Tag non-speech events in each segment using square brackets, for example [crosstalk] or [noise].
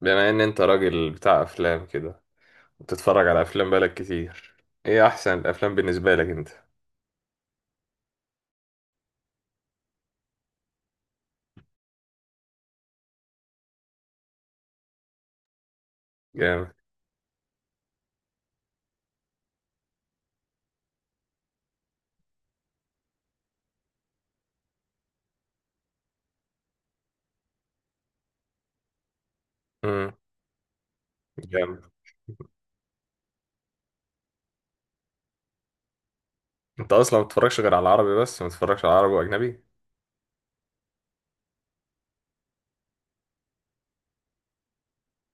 بما ان انت راجل بتاع افلام كده، وبتتفرج على افلام بقالك كتير. ايه احسن الافلام بالنسبه لك انت؟ جامد. امم. جامد. انت اصلا ما بتتفرجش غير على العربي بس، ما بتتفرجش على عربي واجنبي؟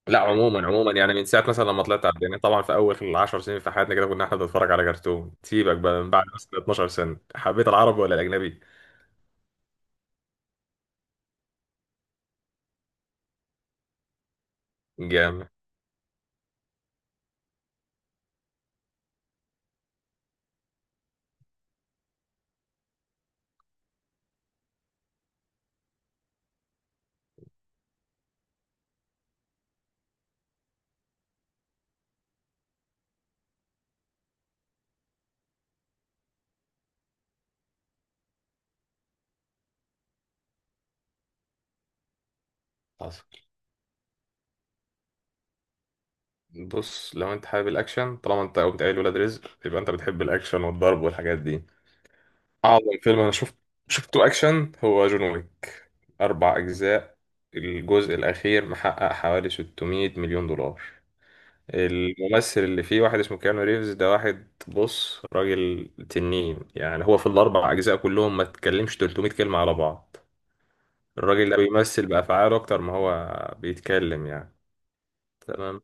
لا، عموما عموما من ساعه مثلا لما طلعت على الدنيا، طبعا في اول 10 سنين في حياتنا كده كنا احنا بنتفرج على كرتون. سيبك بقى، من بعد مثلا 12 سنه حبيت العربي ولا الاجنبي؟ جامد. حصل. بص، لو انت حابب الاكشن، طالما انت قمت قايل ولاد رزق، يبقى انت بتحب الاكشن والضرب والحاجات دي. أعظم فيلم أنا شفته أكشن هو جون ويك. أربع أجزاء. الجزء الأخير محقق حوالي 600 مليون دولار. الممثل اللي فيه واحد اسمه كيانو ريفز، ده واحد بص راجل تنين، يعني هو في الأربع أجزاء كلهم ما تكلمش 300 كلمة على بعض. الراجل ده بيمثل بأفعاله أكتر ما هو بيتكلم يعني. تمام،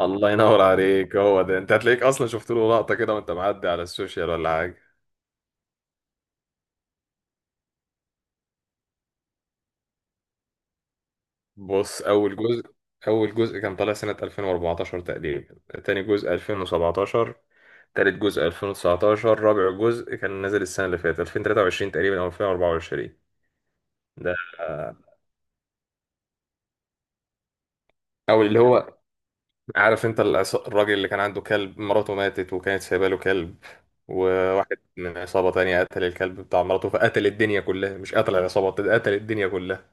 الله ينور عليك. هو ده، أنت هتلاقيك أصلا شفت له لقطة كده وأنت معدي على السوشيال ولا حاجة؟ بص، أول جزء، أول جزء كان طالع سنة 2014 تقريبا، تاني جزء 2017، تالت جزء 2019، رابع جزء كان نازل السنة اللي فاتت 2023 تقريبا أو 2024. ده، أو اللي هو، عارف أنت الراجل اللي كان عنده كلب، مراته ماتت وكانت سايبة له كلب، وواحد من عصابة تانية قتل الكلب بتاع مراته، فقتل الدنيا كلها. مش قتل العصابة، قتل الدنيا كلها.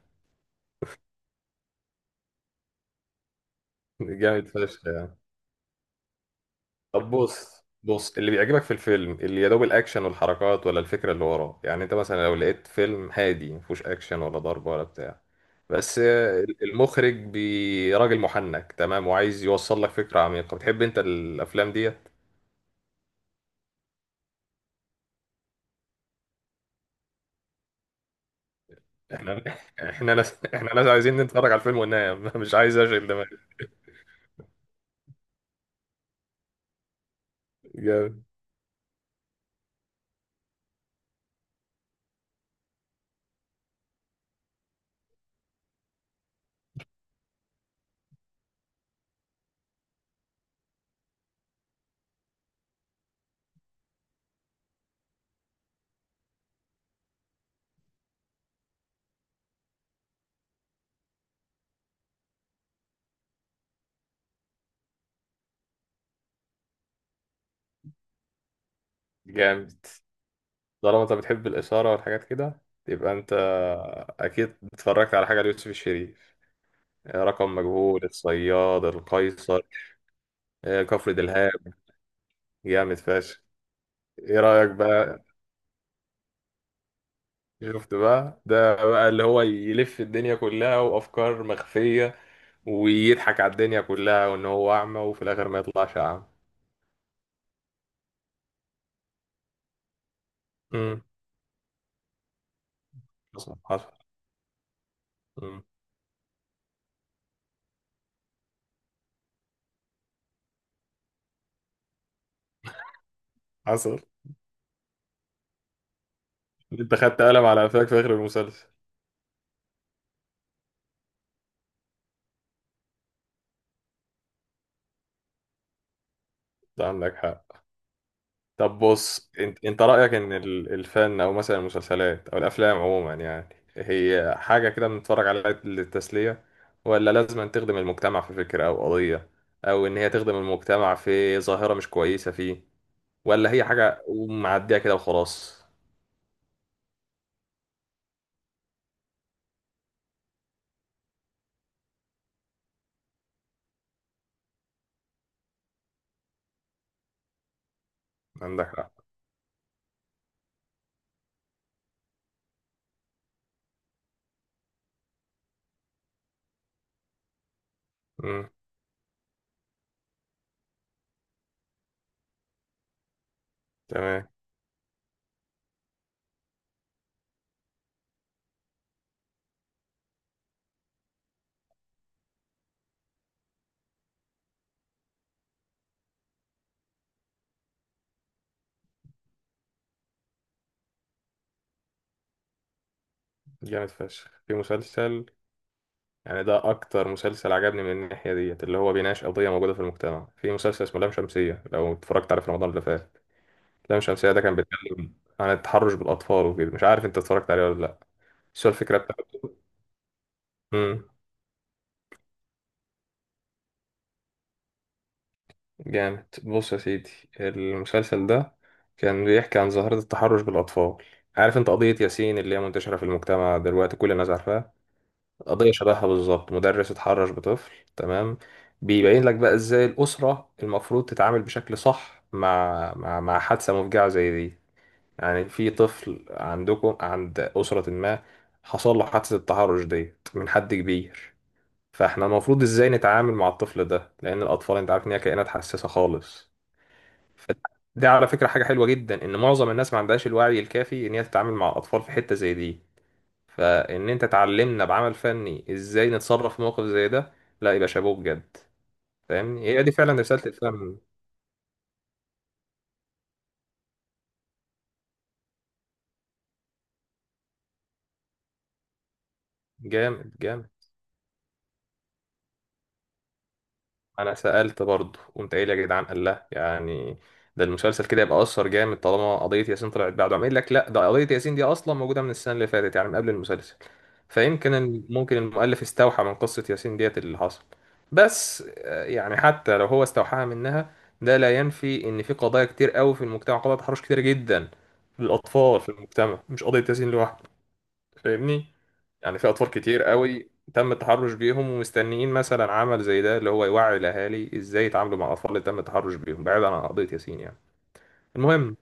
[laughs] جامد فشخ يعني. طب بص بص، اللي بيعجبك في الفيلم اللي يا دوب الاكشن والحركات، ولا الفكره اللي وراه؟ يعني انت مثلا لو لقيت فيلم هادي مفيهوش اكشن ولا ضرب ولا بتاع، بس المخرج راجل محنك تمام وعايز يوصل لك فكره عميقه، بتحب انت الافلام ديت؟ احنا احنا ناس عايزين نتفرج على الفيلم وننام. [laughs] مش عايز اشغل دماغي. جامد. جامد. طالما انت بتحب الاثاره والحاجات كده، يبقى انت اكيد اتفرجت على حاجه ليوسف الشريف. رقم مجهول، الصياد، القيصر، كفر دلهاب. جامد فشخ. ايه رأيك بقى؟ شفت بقى، ده بقى اللي هو يلف الدنيا كلها وافكار مخفية، ويضحك على الدنيا كلها وان هو اعمى، وفي الاخر ما يطلعش اعمى. امم. حصل حصل. امم. حصل. انت خدت قلم على قفاك في اخر المسلسل. ده عندك حق. طب بص، انت انت رأيك ان الفن، او مثلا المسلسلات او الافلام عموما، يعني هي حاجة كده بنتفرج عليها للتسلية، ولا لازم أن تخدم المجتمع في فكرة او قضية، او ان هي تخدم المجتمع في ظاهرة مش كويسة فيه، ولا هي حاجة معدية كده وخلاص؟ عندك حق. امم. تمام. جامد فشخ في مسلسل، يعني ده اكتر مسلسل عجبني من الناحية ديت، اللي هو بيناقش قضية موجودة في المجتمع. في مسلسل اسمه لام شمسية، لو اتفرجت عليه في رمضان اللي فات. لام شمسية ده كان بيتكلم عن التحرش بالأطفال وكده، مش عارف أنت اتفرجت عليه ولا لأ. بس هو الفكرة بتاعته، امم، جامد. بص يا سيدي، المسلسل ده كان بيحكي عن ظاهرة التحرش بالأطفال. عارف أنت قضية ياسين اللي هي منتشرة في المجتمع دلوقتي، كل الناس عارفاها؟ قضية شبهها بالظبط، مدرس اتحرش بطفل. تمام؟ بيبين لك بقى إزاي الأسرة المفروض تتعامل بشكل صح مع حادثة مفجعة زي دي. يعني في طفل عندكم، عند أسرة ما، حصل له حادثة التحرش ديت من حد كبير، فاحنا المفروض ازاي نتعامل مع الطفل ده؟ لأن الأطفال انت عارف ان هي كائنات حساسة خالص. ف- دي على فكرة حاجة حلوة جدا، ان معظم الناس ما عندهاش الوعي الكافي ان هي تتعامل مع الأطفال في حتة زي دي. فان انت تعلمنا بعمل فني ازاي نتصرف في موقف زي ده، لا يبقى شابوه بجد. فاهمني، هي دي فعلا رسالة الفن. جامد. جامد. انا سألت برضه، قمت قايل يا جدعان، قال لا يعني ده المسلسل كده يبقى اثر جامد، طالما قضية ياسين طلعت بعده. عم قايل لك لا، ده قضية ياسين دي اصلا موجودة من السنة اللي فاتت، يعني من قبل المسلسل. فيمكن ممكن المؤلف استوحى من قصة ياسين ديت اللي حصل. بس يعني حتى لو هو استوحاها منها، ده لا ينفي ان في قضايا كتير قوي في المجتمع، قضايا تحرش كتير جدا للاطفال في المجتمع، مش قضية ياسين لوحده. فاهمني؟ يعني في اطفال كتير قوي تم التحرش بيهم ومستنيين مثلا عمل زي ده، اللي هو يوعي الاهالي ازاي يتعاملوا مع الاطفال اللي تم التحرش بيهم بعيد عن قضيه ياسين يعني. المهم،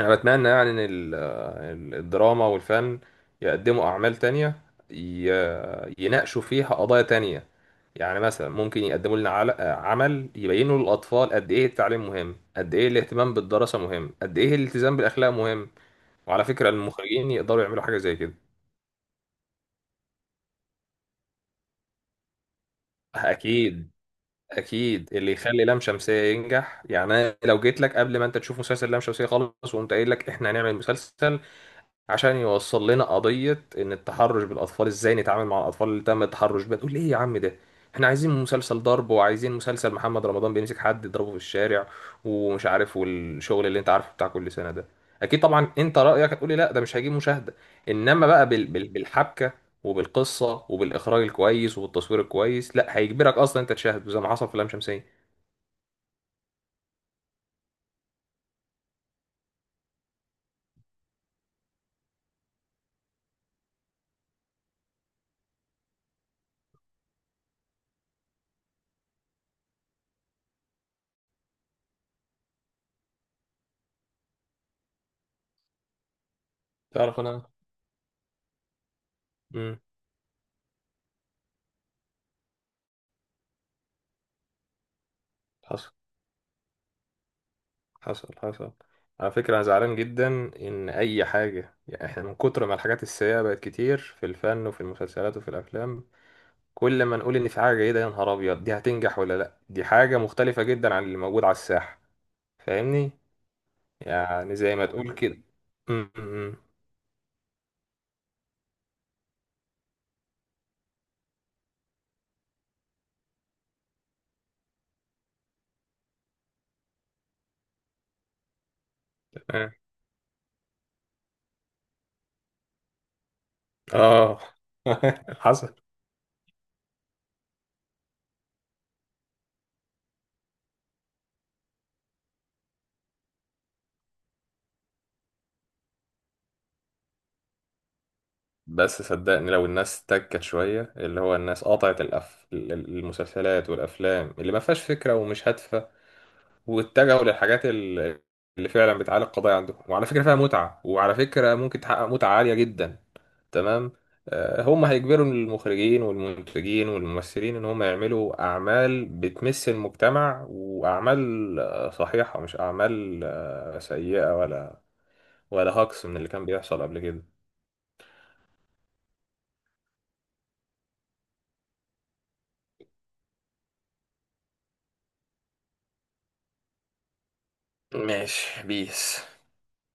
انا بتمنى يعني ان الدراما والفن يقدموا اعمال تانية، يناقشوا فيها قضايا تانية. يعني مثلا ممكن يقدموا لنا عمل يبينوا للاطفال قد ايه التعليم مهم، قد ايه الاهتمام بالدراسه مهم، قد ايه الالتزام بالاخلاق مهم. وعلى فكره المخرجين يقدروا يعملوا حاجه زي كده. اكيد. اكيد اللي يخلي لام شمسيه ينجح، يعني انا لو جيت لك قبل ما انت تشوف مسلسل لام شمسيه خالص، وقمت قايل لك احنا هنعمل مسلسل عشان يوصل لنا قضية إن التحرش بالأطفال إزاي نتعامل مع الأطفال اللي تم التحرش بيها، تقول لي إيه يا عم ده، إحنا عايزين مسلسل ضرب، وعايزين مسلسل محمد رمضان بيمسك حد يضربه في الشارع ومش عارف، والشغل اللي أنت عارفه بتاع كل سنة ده. أكيد طبعا أنت رأيك هتقول لي لا ده مش هيجيب مشاهدة. إنما بقى بالحبكة وبالقصة وبالإخراج الكويس وبالتصوير الكويس، لا هيجبرك أصلا أنت تشاهد، وزي ما حصل في لام شمسية. تعرف انا، امم، حصل حصل. حصل. على فكرة أنا زعلان جدا، إن أي حاجة يعني إحنا من كتر ما الحاجات السيئة بقت كتير في الفن وفي المسلسلات وفي الأفلام، كل ما نقول إن في حاجة جيدة، يا نهار أبيض دي هتنجح ولا لأ، دي حاجة مختلفة جدا عن اللي موجود على الساحة. فاهمني؟ يعني زي ما تقول كده. م- م- تمام. آه. [laughs] حصل. بس صدقني، لو الناس تكت شوية، اللي هو الناس قطعت المسلسلات والأفلام اللي ما فيهاش فكرة ومش هادفة، واتجهوا للحاجات اللي فعلا بتعالج قضايا عندهم، وعلى فكرة فيها متعة، وعلى فكرة ممكن تحقق متعة عالية جدا. تمام؟ هم هيجبروا المخرجين والمنتجين والممثلين ان هم يعملوا اعمال بتمس المجتمع واعمال صحيحة، مش اعمال سيئة، ولا ولا هاكس من اللي كان بيحصل قبل كده. ماشي بيس.